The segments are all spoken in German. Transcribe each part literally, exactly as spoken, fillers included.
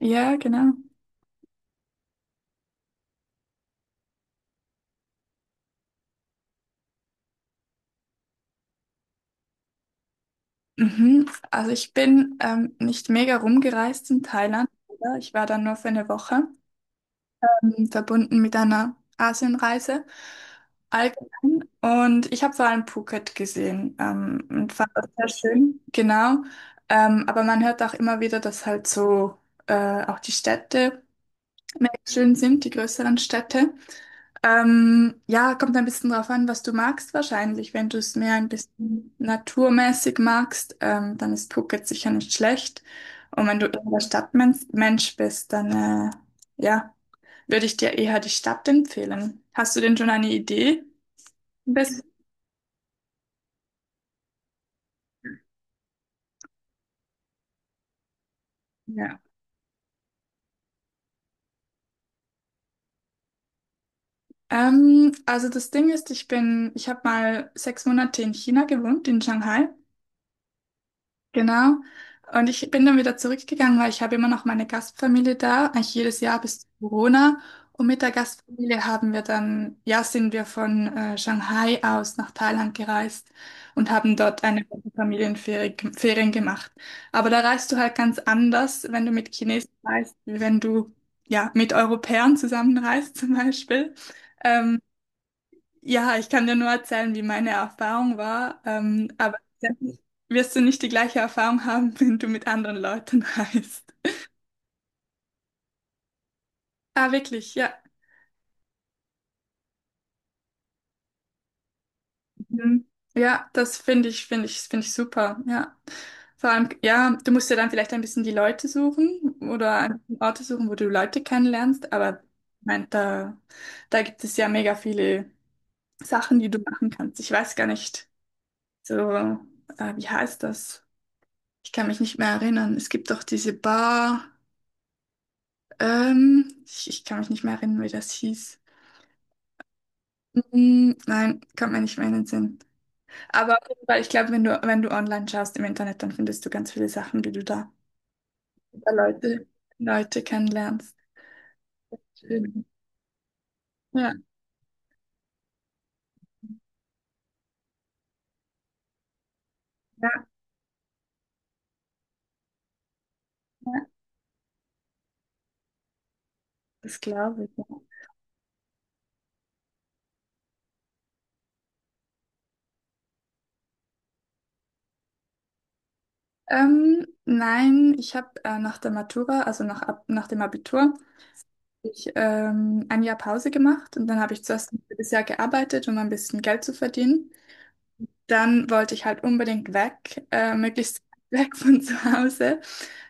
Ja, genau. Mhm. Also ich bin ähm, nicht mega rumgereist in Thailand. oder? Ich war da nur für eine Woche, ähm, verbunden mit einer Asienreise allgemein. Und ich habe vor allem Phuket gesehen ähm, und fand das sehr schön. Genau. Ähm, aber man hört auch immer wieder, dass halt so äh, auch die Städte mega schön sind, die größeren Städte. Ähm, ja, kommt ein bisschen drauf an, was du magst wahrscheinlich. Wenn du es mehr ein bisschen naturmäßig magst, ähm, dann ist Phuket sicher nicht schlecht. Und wenn du eher der Stadtmensch Mensch bist, dann äh, ja, würde ich dir eher die Stadt empfehlen. Hast du denn schon eine Idee? Ein bisschen? Ja. Ähm, also das Ding ist, ich bin, ich habe mal sechs Monate in China gewohnt, in Shanghai. Genau. Und ich bin dann wieder zurückgegangen, weil ich habe immer noch meine Gastfamilie da, eigentlich jedes Jahr bis zu Corona. Und mit der Gastfamilie haben wir dann, ja, sind wir von äh, Shanghai aus nach Thailand gereist und haben dort eine Woche Familienferien Ferien gemacht. Aber da reist du halt ganz anders, wenn du mit Chinesen reist, wie wenn du, ja, mit Europäern zusammenreist zum Beispiel. Ähm, ja, ich kann dir nur erzählen, wie meine Erfahrung war, ähm, aber letztendlich wirst du nicht die gleiche Erfahrung haben, wenn du mit anderen Leuten reist. Ah, wirklich, ja. Mhm. Ja, das finde ich, finde ich, finde ich super, ja. Vor allem, ja, du musst ja dann vielleicht ein bisschen die Leute suchen oder an Orte suchen, wo du Leute kennenlernst, aber ich mein, da, da gibt es ja mega viele Sachen, die du machen kannst. Ich weiß gar nicht, so, äh, wie heißt das? Ich kann mich nicht mehr erinnern. Es gibt doch diese Bar. Ähm, ich, ich kann mich nicht mehr erinnern, wie das hieß. Hm, nein, kommt mir nicht mehr in den Sinn. Aber auf jeden Fall, ich glaube, wenn du, wenn du, online schaust im Internet, dann findest du ganz viele Sachen, die du da über Leute, Leute kennenlernst. Schön. Ja, ja, ja, das glaube ich. Ja. Ähm, nein, ich habe äh, nach der Matura, also nach, Ab- nach dem Abitur, ich, ähm, ein Jahr Pause gemacht und dann habe ich zuerst ein halbes Jahr gearbeitet, um ein bisschen Geld zu verdienen. Dann wollte ich halt unbedingt weg, äh, möglichst weit weg von zu Hause,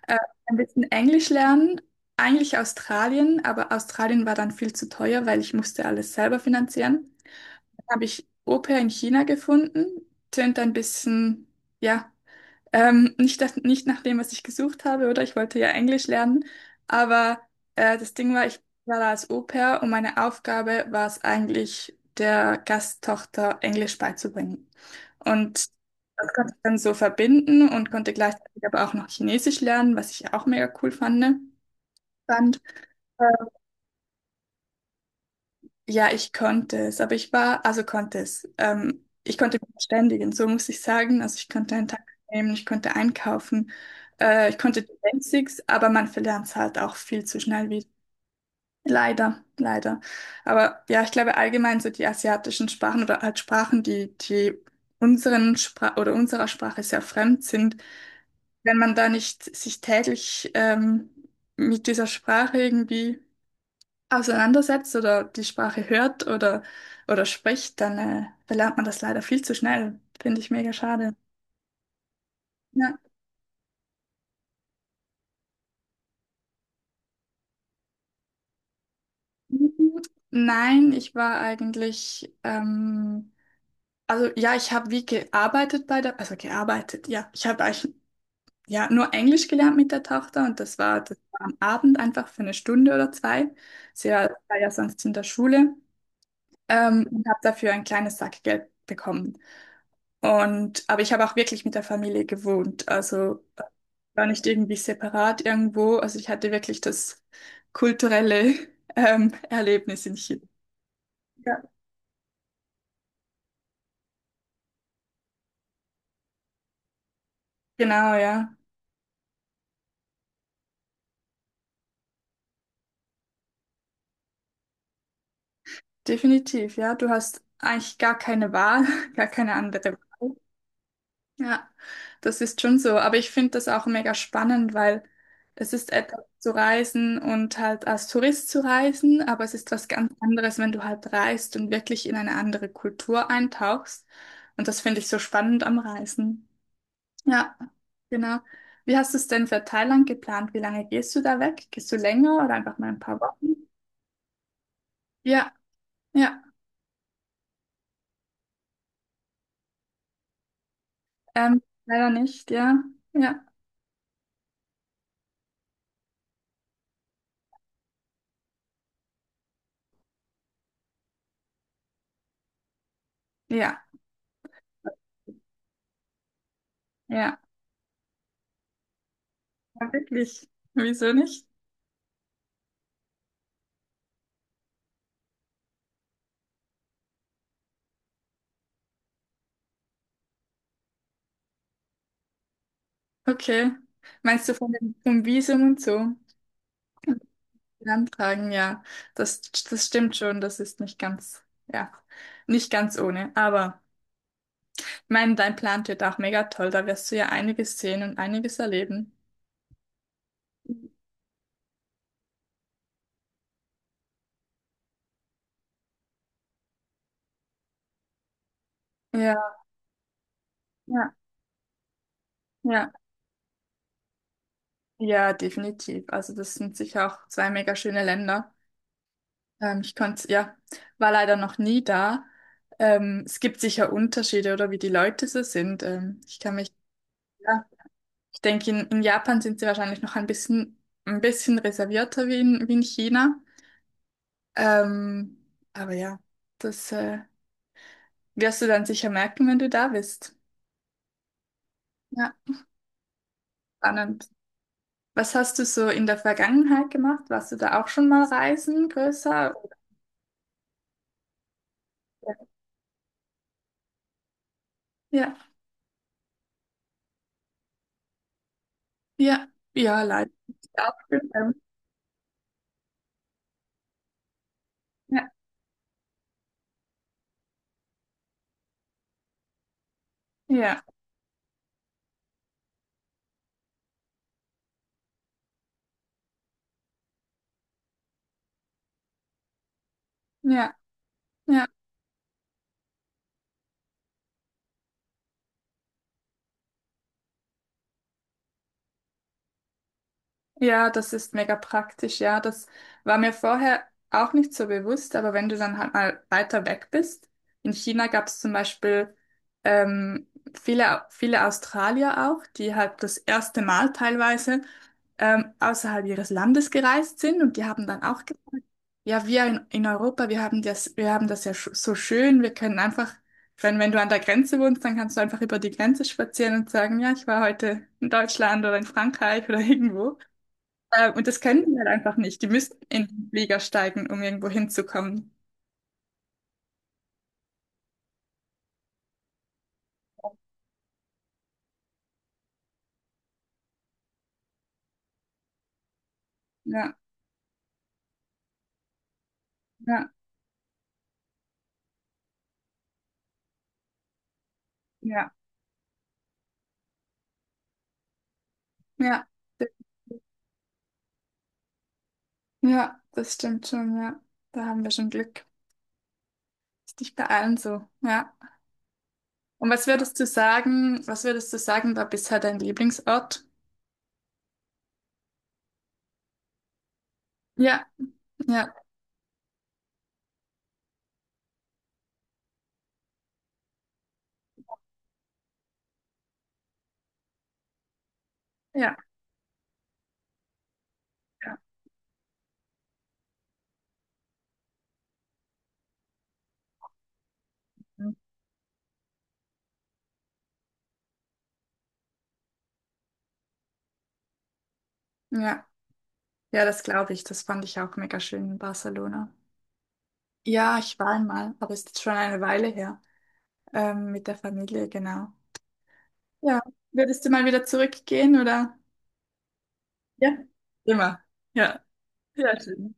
äh, ein bisschen Englisch lernen. Eigentlich Australien, aber Australien war dann viel zu teuer, weil ich musste alles selber finanzieren. Dann habe ich Au-pair in China gefunden. Tönt ein bisschen, ja. Ähm, nicht, das, nicht nach dem, was ich gesucht habe, oder? Ich wollte ja Englisch lernen, aber äh, das Ding war, ich war da als Au-pair und meine Aufgabe war es eigentlich, der Gasttochter Englisch beizubringen. Und das konnte ich dann so verbinden und konnte gleichzeitig aber auch noch Chinesisch lernen, was ich auch mega cool fand. fand. Ja, ich konnte es, aber ich war, also konnte es. Ähm, ich konnte mich verständigen, so muss ich sagen. Also ich konnte einen Tag nehmen, ich konnte einkaufen, äh, ich konnte die Basics, aber man verlernt es halt auch viel zu schnell wieder. Leider, leider. Aber ja, ich glaube allgemein so die asiatischen Sprachen oder halt Sprachen, die, die unseren Spra oder unserer Sprache sehr fremd sind, wenn man da nicht sich täglich ähm, mit dieser Sprache irgendwie auseinandersetzt oder die Sprache hört oder, oder spricht, dann äh, verlernt man das leider viel zu schnell. Finde ich mega schade. Ja. Nein, ich war eigentlich, ähm, also ja, ich habe wie gearbeitet bei der, also gearbeitet, ja, ich habe eigentlich ja nur Englisch gelernt mit der Tochter und das war, das war am Abend einfach für eine Stunde oder zwei. Sie war, war ja sonst in der Schule ähm, und habe dafür ein kleines Sackgeld bekommen. Und aber ich habe auch wirklich mit der Familie gewohnt, also War nicht irgendwie separat irgendwo. Also ich hatte wirklich das kulturelle ähm, Erlebnis in Chile. Ja. Genau, ja. Definitiv, ja. Du hast eigentlich gar keine Wahl, gar keine andere Wahl. Ja, das ist schon so. Aber ich finde das auch mega spannend, weil es ist etwas zu reisen und halt als Tourist zu reisen, aber es ist was ganz anderes, wenn du halt reist und wirklich in eine andere Kultur eintauchst. Und das finde ich so spannend am Reisen. Ja, genau. Wie hast du es denn für Thailand geplant? Wie lange gehst du da weg? Gehst du länger oder einfach mal ein paar Wochen? Ja, ja. Ähm, leider nicht, ja. Ja, ja, ja. Ja, wirklich. Wieso nicht? Okay. Meinst du von dem, vom Visum und so? Den Antragen, ja. Das, das stimmt schon. Das ist nicht ganz, ja, nicht ganz ohne. Aber ich meine, dein Plan wird auch mega toll. Da wirst du ja einiges sehen und einiges erleben. Ja, ja, ja. Ja, definitiv. Also das sind sicher auch zwei mega schöne Länder. Ähm, ich konnte, ja, war leider noch nie da. Ähm, es gibt sicher Unterschiede oder wie die Leute so sind. Ähm, ich kann mich, ja, ich denke, in, in, Japan sind sie wahrscheinlich noch ein bisschen, ein bisschen reservierter wie in, wie in China. Ähm, aber ja, das äh, wirst du dann sicher merken, wenn du da bist. Ja, spannend. Was hast du so in der Vergangenheit gemacht? Warst du da auch schon mal reisen, größer? Ja. Ja, ja, leider. nicht abgenommen. Ja, ja, ja, ja. Ja, das ist mega praktisch, ja. Das war mir vorher auch nicht so bewusst, aber wenn du dann halt mal weiter weg bist, in China gab es zum Beispiel ähm, viele, viele Australier auch, die halt das erste Mal teilweise ähm, außerhalb ihres Landes gereist sind und die haben dann auch gesagt, ja, wir in, in, Europa, wir haben das, wir haben das ja sch so schön, wir können einfach, wenn, wenn du an der Grenze wohnst, dann kannst du einfach über die Grenze spazieren und sagen, ja, ich war heute in Deutschland oder in Frankreich oder irgendwo. Äh, und das können die halt einfach nicht. Die müssen in den Flieger steigen, um irgendwo hinzukommen. Ja, ja, ja, ja. Ja, das stimmt schon, ja. Da haben wir schon Glück. Ist nicht bei allen so, ja. Und was würdest du sagen, was würdest du sagen, war bisher dein Lieblingsort? Ja, ja, ja, ja. Ja, ja, das glaube ich. Das fand ich auch mega schön in Barcelona. Ja, ich war einmal, aber ist jetzt schon eine Weile her. Ähm, mit der Familie, genau. Ja, würdest du mal wieder zurückgehen, oder? Ja, immer. Ja, sehr schön.